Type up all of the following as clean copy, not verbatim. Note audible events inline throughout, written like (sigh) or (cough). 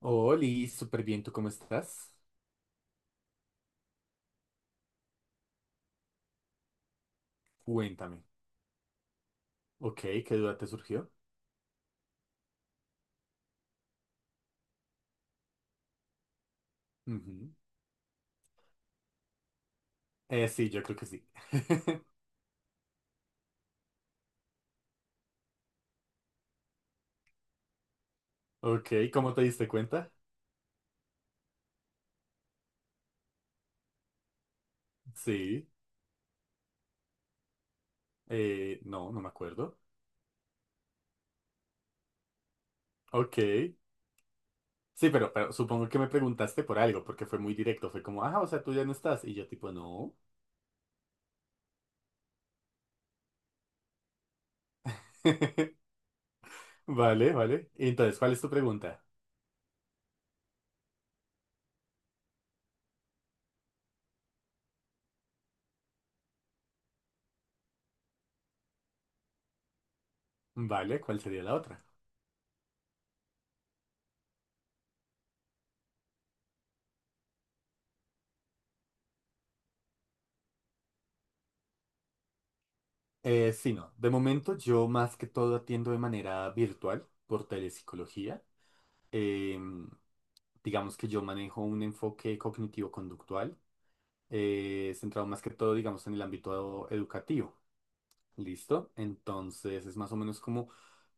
Oli, súper bien, ¿tú cómo estás? Cuéntame. Ok, ¿qué duda te surgió? Ujú. Sí, yo creo que sí. (laughs) Ok, ¿cómo te diste cuenta? Sí. No, no me acuerdo. Ok. Sí, pero supongo que me preguntaste por algo, porque fue muy directo. Fue como, ah, o sea, tú ya no estás. Y yo tipo, no. (laughs) Vale, vale. Y entonces, ¿cuál es tu pregunta? Vale, ¿cuál sería la otra? Sí, no. De momento yo más que todo atiendo de manera virtual por telepsicología. Em, Digamos que yo manejo un enfoque cognitivo-conductual, centrado más que todo, digamos, en el ámbito educativo. ¿Listo? Entonces es más o menos como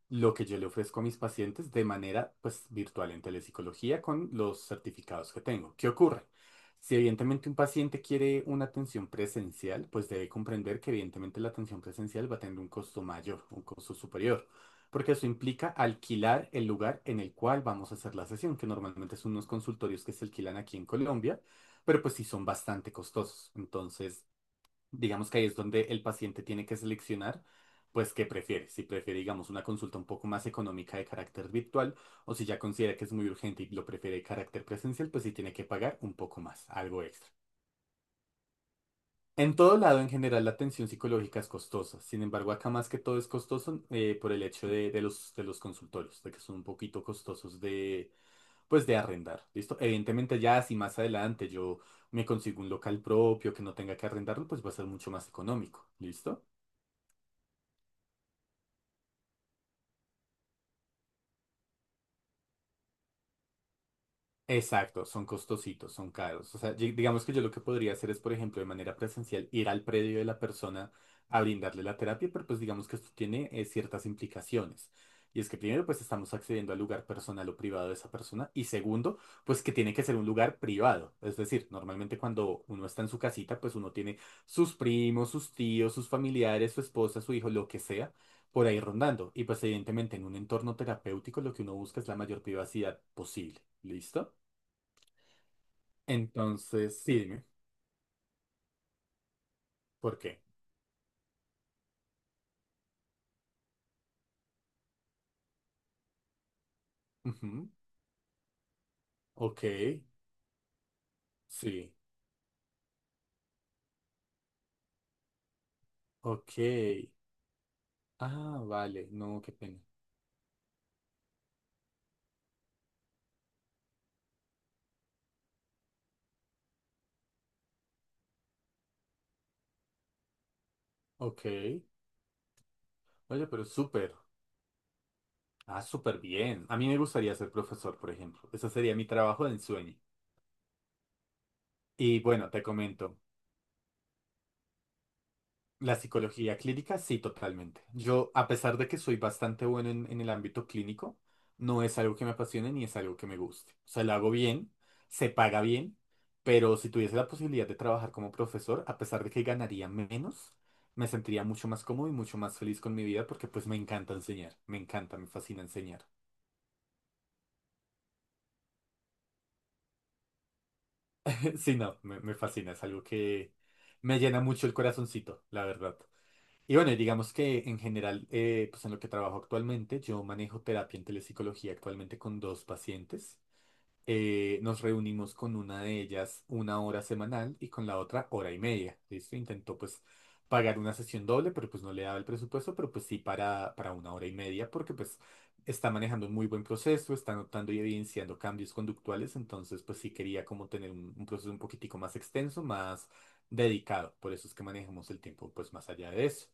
lo que yo le ofrezco a mis pacientes de manera pues virtual en telepsicología con los certificados que tengo. ¿Qué ocurre? Si evidentemente un paciente quiere una atención presencial, pues debe comprender que evidentemente la atención presencial va a tener un costo mayor, un costo superior, porque eso implica alquilar el lugar en el cual vamos a hacer la sesión, que normalmente son unos consultorios que se alquilan aquí en Colombia, pero pues sí son bastante costosos. Entonces, digamos que ahí es donde el paciente tiene que seleccionar, pues, qué prefiere. Si prefiere, digamos, una consulta un poco más económica de carácter virtual, o si ya considera que es muy urgente y lo prefiere de carácter presencial, pues sí tiene que pagar un poco más, algo extra. En todo lado, en general, la atención psicológica es costosa. Sin embargo, acá más que todo es costoso por el hecho de los consultorios, de que son un poquito costosos de, pues, de arrendar. ¿Listo? Evidentemente, ya si más adelante yo me consigo un local propio que no tenga que arrendarlo, pues va a ser mucho más económico. ¿Listo? Exacto, son costositos, son caros. O sea, digamos que yo lo que podría hacer es, por ejemplo, de manera presencial, ir al predio de la persona a brindarle la terapia, pero pues digamos que esto tiene ciertas implicaciones. Y es que primero, pues estamos accediendo al lugar personal o privado de esa persona. Y segundo, pues que tiene que ser un lugar privado. Es decir, normalmente cuando uno está en su casita, pues uno tiene sus primos, sus tíos, sus familiares, su esposa, su hijo, lo que sea, por ahí rondando. Y pues evidentemente en un entorno terapéutico lo que uno busca es la mayor privacidad posible. ¿Listo? Entonces, sí, dime, ¿por qué? Ujú, ok, sí, ok. Ah, vale, no, qué pena. Ok, oye, pero súper, ah, súper bien. A mí me gustaría ser profesor, por ejemplo. Ese sería mi trabajo de ensueño. Y bueno, te comento. La psicología clínica, sí, totalmente. Yo, a pesar de que soy bastante bueno en el ámbito clínico, no es algo que me apasione ni es algo que me guste. O sea, lo hago bien, se paga bien, pero si tuviese la posibilidad de trabajar como profesor, a pesar de que ganaría menos, me sentiría mucho más cómodo y mucho más feliz con mi vida porque pues me encanta enseñar, me encanta, me fascina enseñar. (laughs) Sí, no, me fascina, es algo que me llena mucho el corazoncito, la verdad. Y bueno, y digamos que en general, pues en lo que trabajo actualmente, yo manejo terapia en telepsicología actualmente con dos pacientes. Nos reunimos con una de ellas una hora semanal y con la otra hora y media. ¿Listo? Intentó pues pagar una sesión doble, pero pues no le daba el presupuesto, pero pues sí para una hora y media, porque pues está manejando un muy buen proceso, está notando y evidenciando cambios conductuales, entonces pues sí quería como tener un proceso un poquitico más extenso, más dedicado. Por eso es que manejamos el tiempo pues más allá de eso.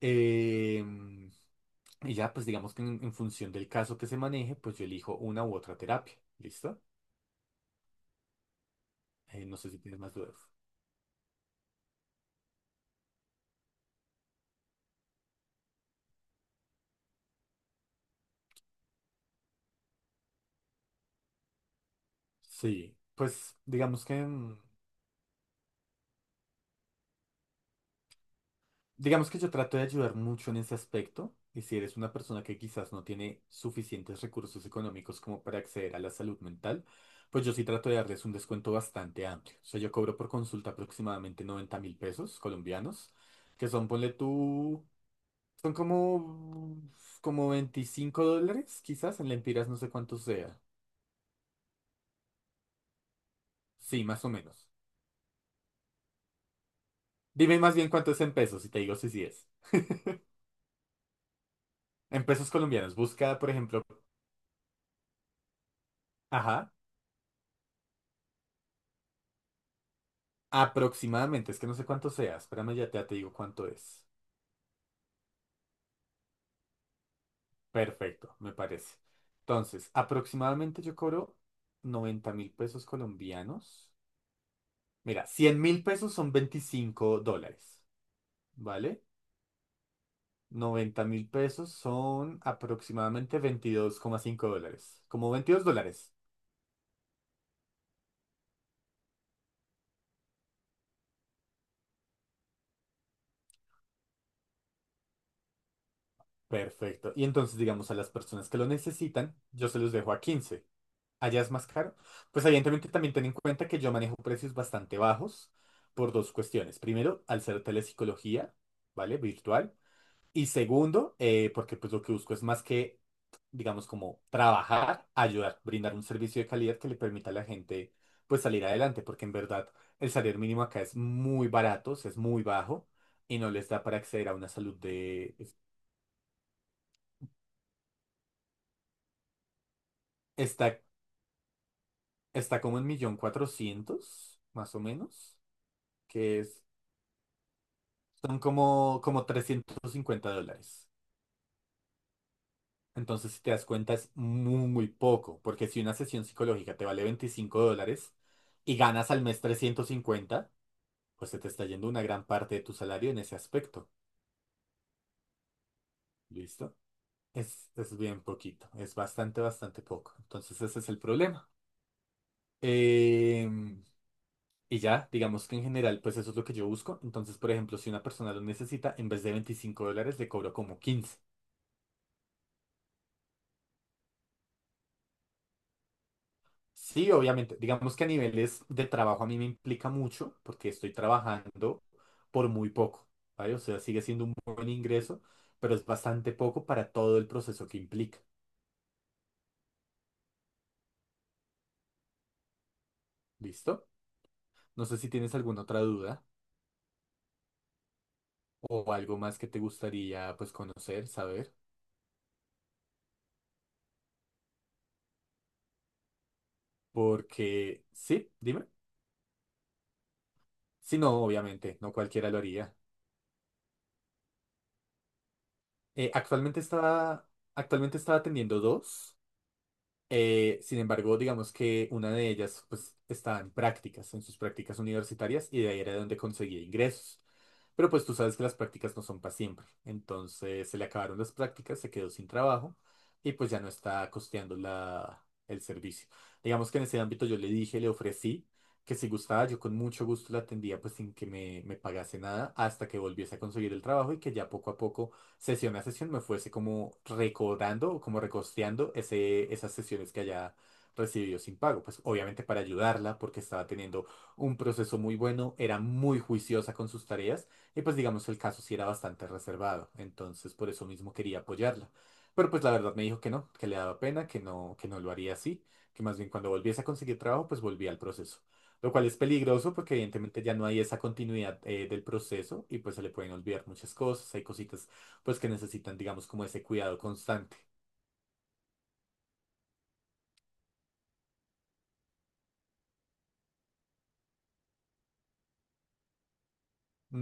Eh, y ya, pues digamos que en función del caso que se maneje, pues yo elijo una u otra terapia. ¿Listo? No sé si tienes más dudas. Sí, pues digamos que yo trato de ayudar mucho en ese aspecto. Y si eres una persona que quizás no tiene suficientes recursos económicos como para acceder a la salud mental, pues yo sí trato de darles un descuento bastante amplio. O sea, yo cobro por consulta aproximadamente 90.000 pesos colombianos, que son, ponle tú, son como $25, quizás, en lempiras no sé cuánto sea. Sí, más o menos. Dime más bien cuánto es en pesos y te digo si sí es. En pesos colombianos, busca, por ejemplo, ajá, aproximadamente, es que no sé cuánto sea, espérame, ya te digo cuánto es. Perfecto, me parece. Entonces, aproximadamente yo cobro 90.000 pesos colombianos. Mira, 100.000 pesos son $25, ¿vale? 90.000 pesos son aproximadamente $22,5. Como $22. Perfecto. Y entonces, digamos, a las personas que lo necesitan, yo se los dejo a 15. ¿Allá es más caro? Pues evidentemente también ten en cuenta que yo manejo precios bastante bajos por dos cuestiones. Primero, al ser telepsicología, ¿vale? Virtual. Y segundo, porque pues lo que busco es más que, digamos, como trabajar, ayudar, brindar un servicio de calidad que le permita a la gente pues salir adelante, porque en verdad el salario mínimo acá es muy barato, o sea, es muy bajo y no les da para acceder a una salud de... Está, está como en millón cuatrocientos, más o menos, que es, son como $350. Entonces, si te das cuenta, es muy, muy poco, porque si una sesión psicológica te vale $25 y ganas al mes 350 pues se te está yendo una gran parte de tu salario en ese aspecto. ¿Listo? Es bien poquito, es bastante, bastante poco. Entonces, ese es el problema. Em, y ya, digamos que en general, pues eso es lo que yo busco. Entonces, por ejemplo, si una persona lo necesita, en vez de $25, le cobro como 15. Sí, obviamente. Digamos que a niveles de trabajo a mí me implica mucho porque estoy trabajando por muy poco, ¿vale? O sea, sigue siendo un buen ingreso, pero es bastante poco para todo el proceso que implica. ¿Listo? No sé si tienes alguna otra duda o algo más que te gustaría pues conocer, saber, porque sí, dime. Si no, obviamente, no cualquiera lo haría. Eh, actualmente estaba, actualmente estaba atendiendo dos. Sin embargo, digamos que una de ellas pues estaba en prácticas, en sus prácticas universitarias y de ahí era donde conseguía ingresos. Pero pues tú sabes que las prácticas no son para siempre. Entonces se le acabaron las prácticas, se quedó sin trabajo y pues ya no está costeando el servicio. Digamos que en ese ámbito yo le dije, le ofrecí que si gustaba yo con mucho gusto la atendía pues sin que me pagase nada hasta que volviese a conseguir el trabajo y que ya poco a poco sesión a sesión me fuese como recordando o como recosteando esas sesiones que haya recibido sin pago. Pues obviamente para ayudarla porque estaba teniendo un proceso muy bueno, era muy juiciosa con sus tareas y pues digamos el caso sí era bastante reservado. Entonces por eso mismo quería apoyarla. Pero pues la verdad me dijo que no, que le daba pena, que no lo haría así, que más bien cuando volviese a conseguir trabajo pues volvía al proceso. Lo cual es peligroso porque evidentemente ya no hay esa continuidad del proceso y pues se le pueden olvidar muchas cosas, hay cositas pues que necesitan, digamos, como ese cuidado constante.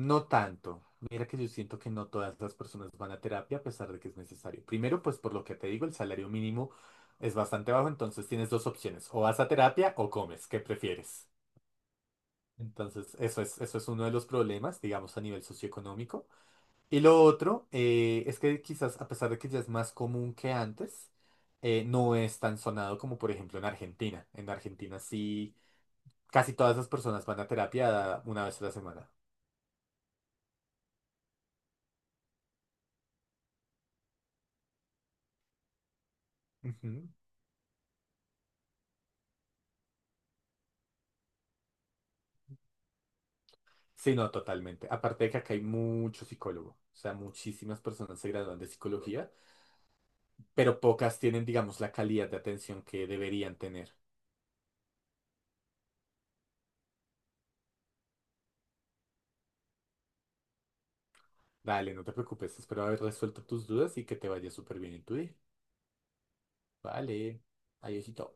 No tanto. Mira que yo siento que no todas las personas van a terapia a pesar de que es necesario. Primero, pues por lo que te digo, el salario mínimo es bastante bajo, entonces tienes dos opciones, o vas a terapia o comes, ¿qué prefieres? Entonces, eso es uno de los problemas, digamos, a nivel socioeconómico. Y lo otro es que quizás, a pesar de que ya es más común que antes, no es tan sonado como, por ejemplo, en Argentina. En Argentina sí casi todas esas personas van a terapia una vez a la semana. Ujú. Sí, no, totalmente. Aparte de que acá hay mucho psicólogo, o sea, muchísimas personas se gradúan de psicología, pero pocas tienen, digamos, la calidad de atención que deberían tener. Dale, no te preocupes, espero haber resuelto tus dudas y que te vaya súper bien en tu día. Vale, adiósito.